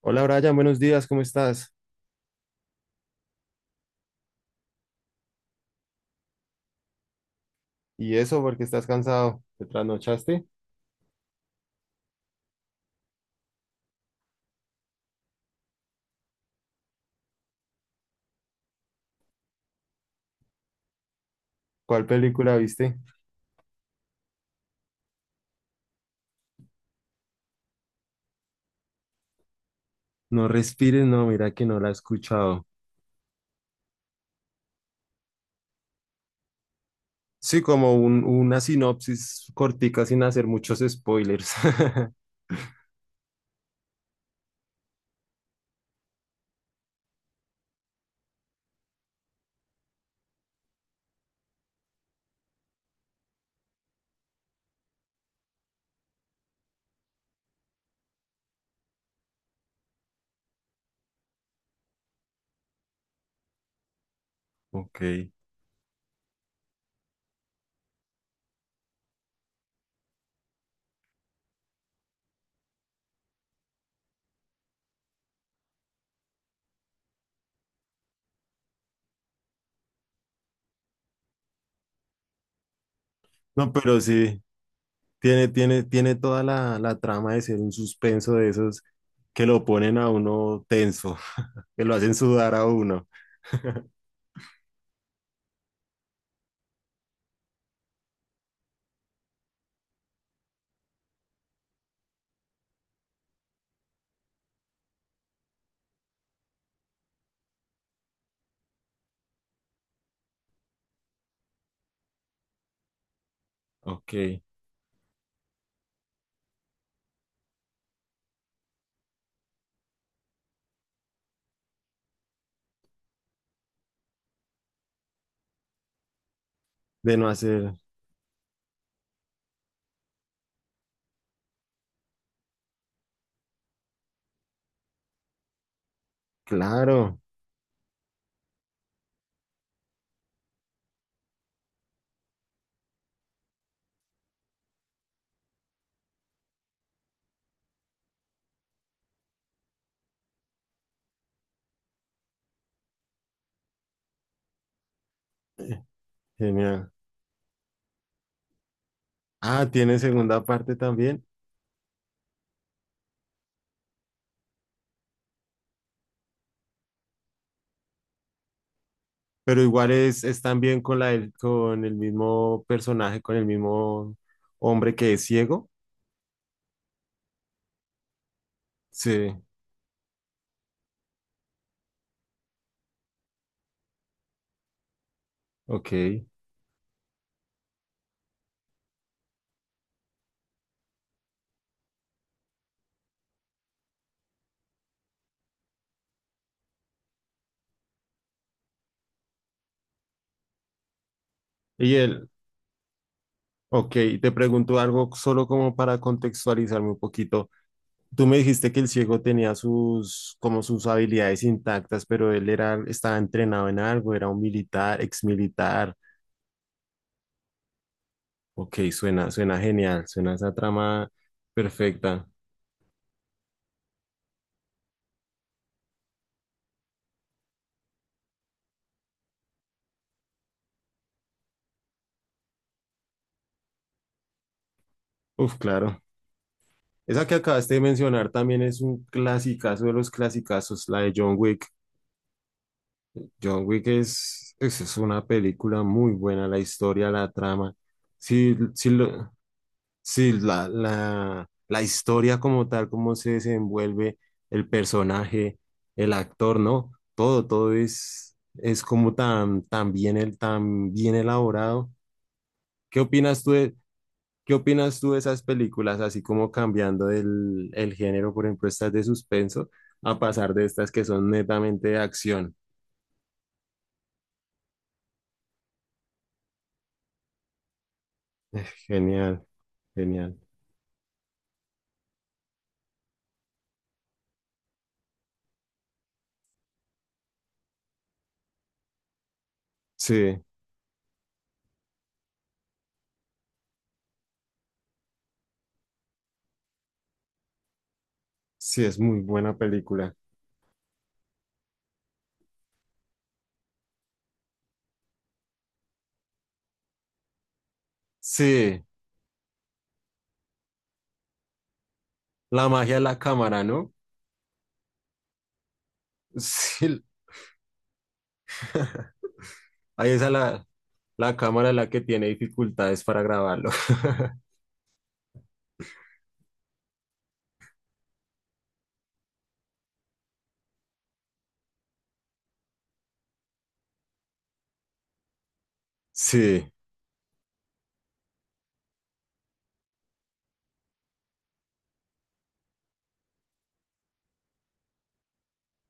Hola Brian, buenos días, ¿cómo estás? ¿Y eso porque estás cansado? ¿Te trasnochaste? ¿Cuál película viste? No respires, no, mira que no la he escuchado. Sí, como una sinopsis cortica sin hacer muchos spoilers. Ok. No, pero sí, tiene toda la trama de ser un suspenso de esos que lo ponen a uno tenso, que lo hacen sudar a uno. Ok. De no hacer. Claro. Genial. Ah, tiene segunda parte también. Pero igual es también con con el mismo personaje, con el mismo hombre que es ciego. Sí, ok. Y él, ok, te pregunto algo solo como para contextualizarme un poquito. Tú me dijiste que el ciego tenía sus, como sus habilidades intactas, pero él era, estaba entrenado en algo, era un militar, exmilitar. Ok, suena, suena genial, suena esa trama perfecta. Uf, claro. Esa que acabaste de mencionar también es un clasicazo de los clasicazos, la de John Wick. John Wick es una película muy buena, la historia, la trama. Sí, sí, sí, la historia como tal, cómo se desenvuelve el personaje, el actor, ¿no? Todo, todo es como tan, tan bien, el, tan bien elaborado. ¿Qué opinas tú de, ¿Qué opinas tú de esas películas, así como cambiando el género, por ejemplo, estas de suspenso, a pasar de estas que son netamente de acción? Genial, genial. Sí, sí, es muy buena película. Sí, la magia de la cámara, ¿no? Sí, ahí la cámara es la que tiene dificultades para grabarlo. Sí,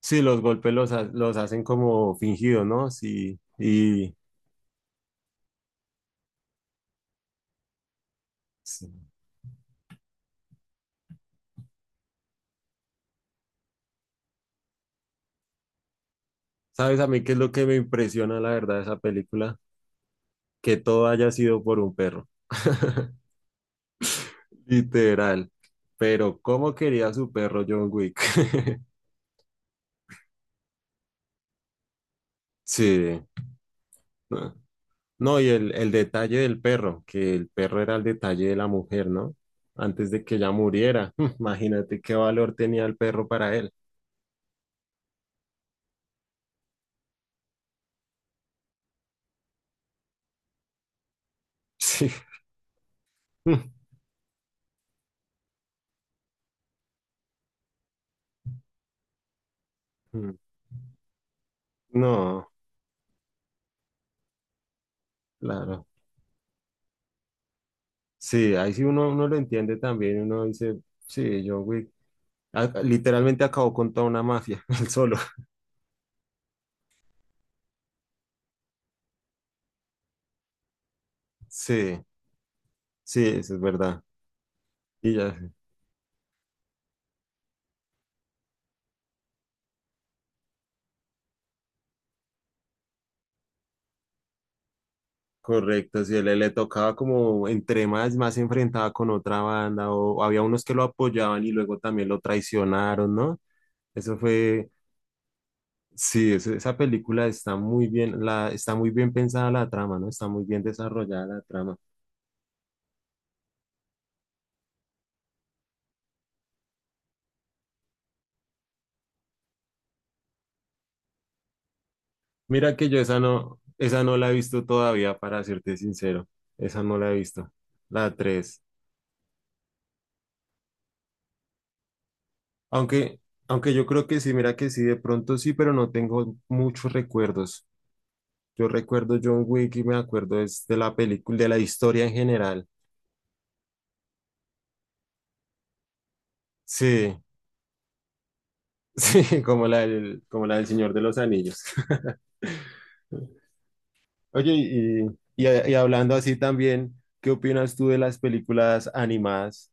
sí, los golpes los hacen como fingidos, ¿no? Sí, y sí. ¿Sabes a mí qué es lo que me impresiona, la verdad, de esa película? Que todo haya sido por un perro. Literal. Pero ¿cómo quería su perro John Wick? Sí. No, no, y el detalle del perro, que el perro era el detalle de la mujer, ¿no? Antes de que ella muriera. Imagínate qué valor tenía el perro para él. Sí. No, claro. Sí, ahí sí uno, uno lo entiende también. Uno dice, sí, John Wick a- literalmente acabó con toda una mafia, él solo. Sí, sí, eso es verdad. Y ya, correcto, si él le tocaba como entre más, más se enfrentaba con otra banda, o había unos que lo apoyaban y luego también lo traicionaron, ¿no? Eso fue, sí, esa película está muy bien, la, está muy bien pensada la trama, ¿no? Está muy bien desarrollada la trama. Mira que yo esa no la he visto todavía, para serte sincero, esa no la he visto, la 3. Aunque, aunque yo creo que sí, mira que sí, de pronto sí, pero no tengo muchos recuerdos. Yo recuerdo John Wick y me acuerdo es de la película, de la historia en general. Sí, sí, como la del Señor de los Anillos. Oye, y hablando así también, ¿qué opinas tú de las películas animadas?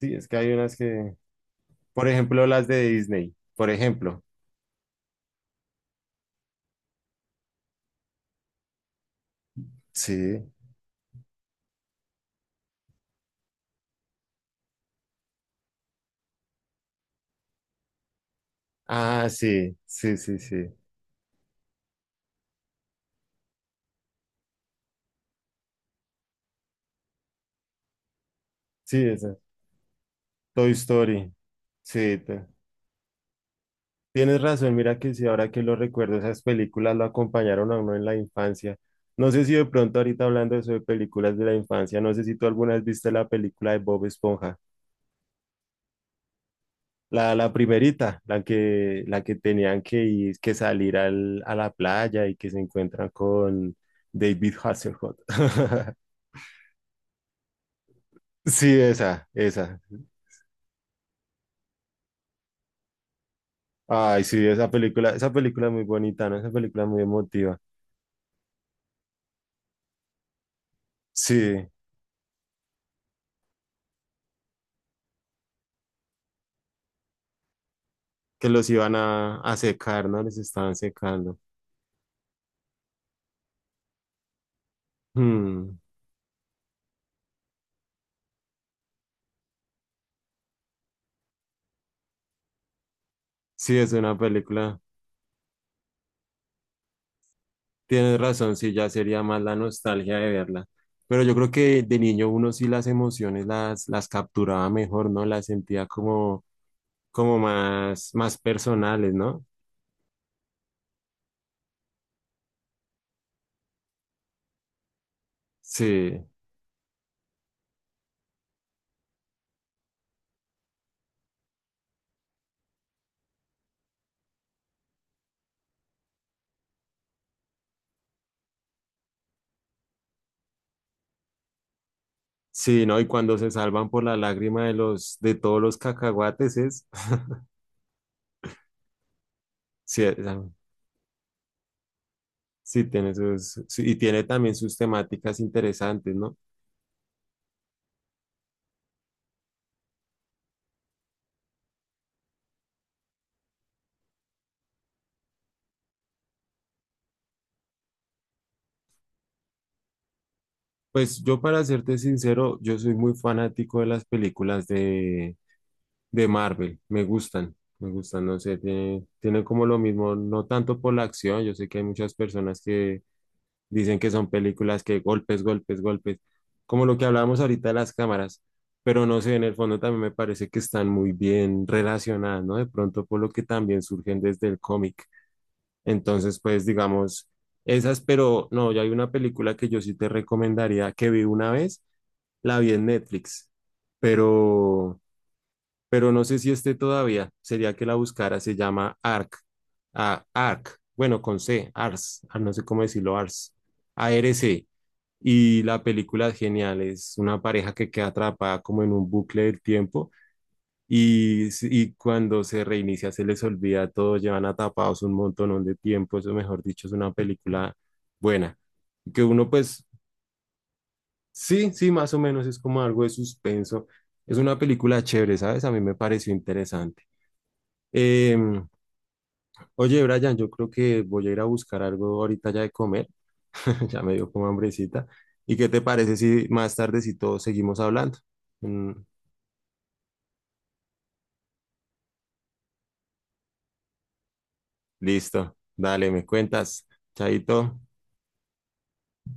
Sí, es que hay unas que, por ejemplo, las de Disney, por ejemplo. Sí. Ah, sí, sí, sí, sí. Sí, esa. Toy Story. Sí, tienes razón, mira que sí, ahora que lo recuerdo, esas películas lo acompañaron a uno en la infancia. No sé si de pronto ahorita hablando de eso de películas de la infancia, no sé si tú alguna vez viste la película de Bob Esponja, la primerita, la que tenían que ir, que salir a la playa y que se encuentran con David Hasselhoff. Sí, esa, esa. Ay, sí, esa película es muy bonita, ¿no? Esa película es muy emotiva. Sí, que los iban a secar, ¿no? Les estaban secando. Hmm, sí, es una película. Tienes razón, sí, ya sería más la nostalgia de verla. Pero yo creo que de niño uno sí las emociones las capturaba mejor, ¿no? Las sentía como, como más, más personales, ¿no? Sí, sí, ¿no? Y cuando se salvan por la lágrima de los, de todos los cacahuates es, sí, sí tiene sus, sí, y tiene también sus temáticas interesantes, ¿no? Pues yo para serte sincero, yo soy muy fanático de las películas de Marvel, me gustan, no sé, tienen como lo mismo, no tanto por la acción, yo sé que hay muchas personas que dicen que son películas que golpes, golpes, golpes, como lo que hablábamos ahorita de las cámaras, pero no sé, en el fondo también me parece que están muy bien relacionadas, ¿no? De pronto por lo que también surgen desde el cómic. Entonces, pues digamos, esas, pero no, ya hay una película que yo sí te recomendaría que vi una vez, la vi en Netflix, pero pero no sé si esté todavía. Sería que la buscara, se llama ARC. Ah, ARC, bueno, con C, ARS, ah, no sé cómo decirlo, ARS, ARC. Y la película es genial, es una pareja que queda atrapada como en un bucle del tiempo y, y cuando se reinicia se les olvida todo, llevan atapados un montón de tiempo, eso mejor dicho, es una película buena. Que uno pues, sí, sí, más o menos es como algo de suspenso. Es una película chévere, ¿sabes? A mí me pareció interesante. Em, oye, Brian, yo creo que voy a ir a buscar algo ahorita ya de comer. Ya me dio como hambrecita. ¿Y qué te parece si más tarde, si todos seguimos hablando? Mm, listo, dale, me cuentas. Chaito.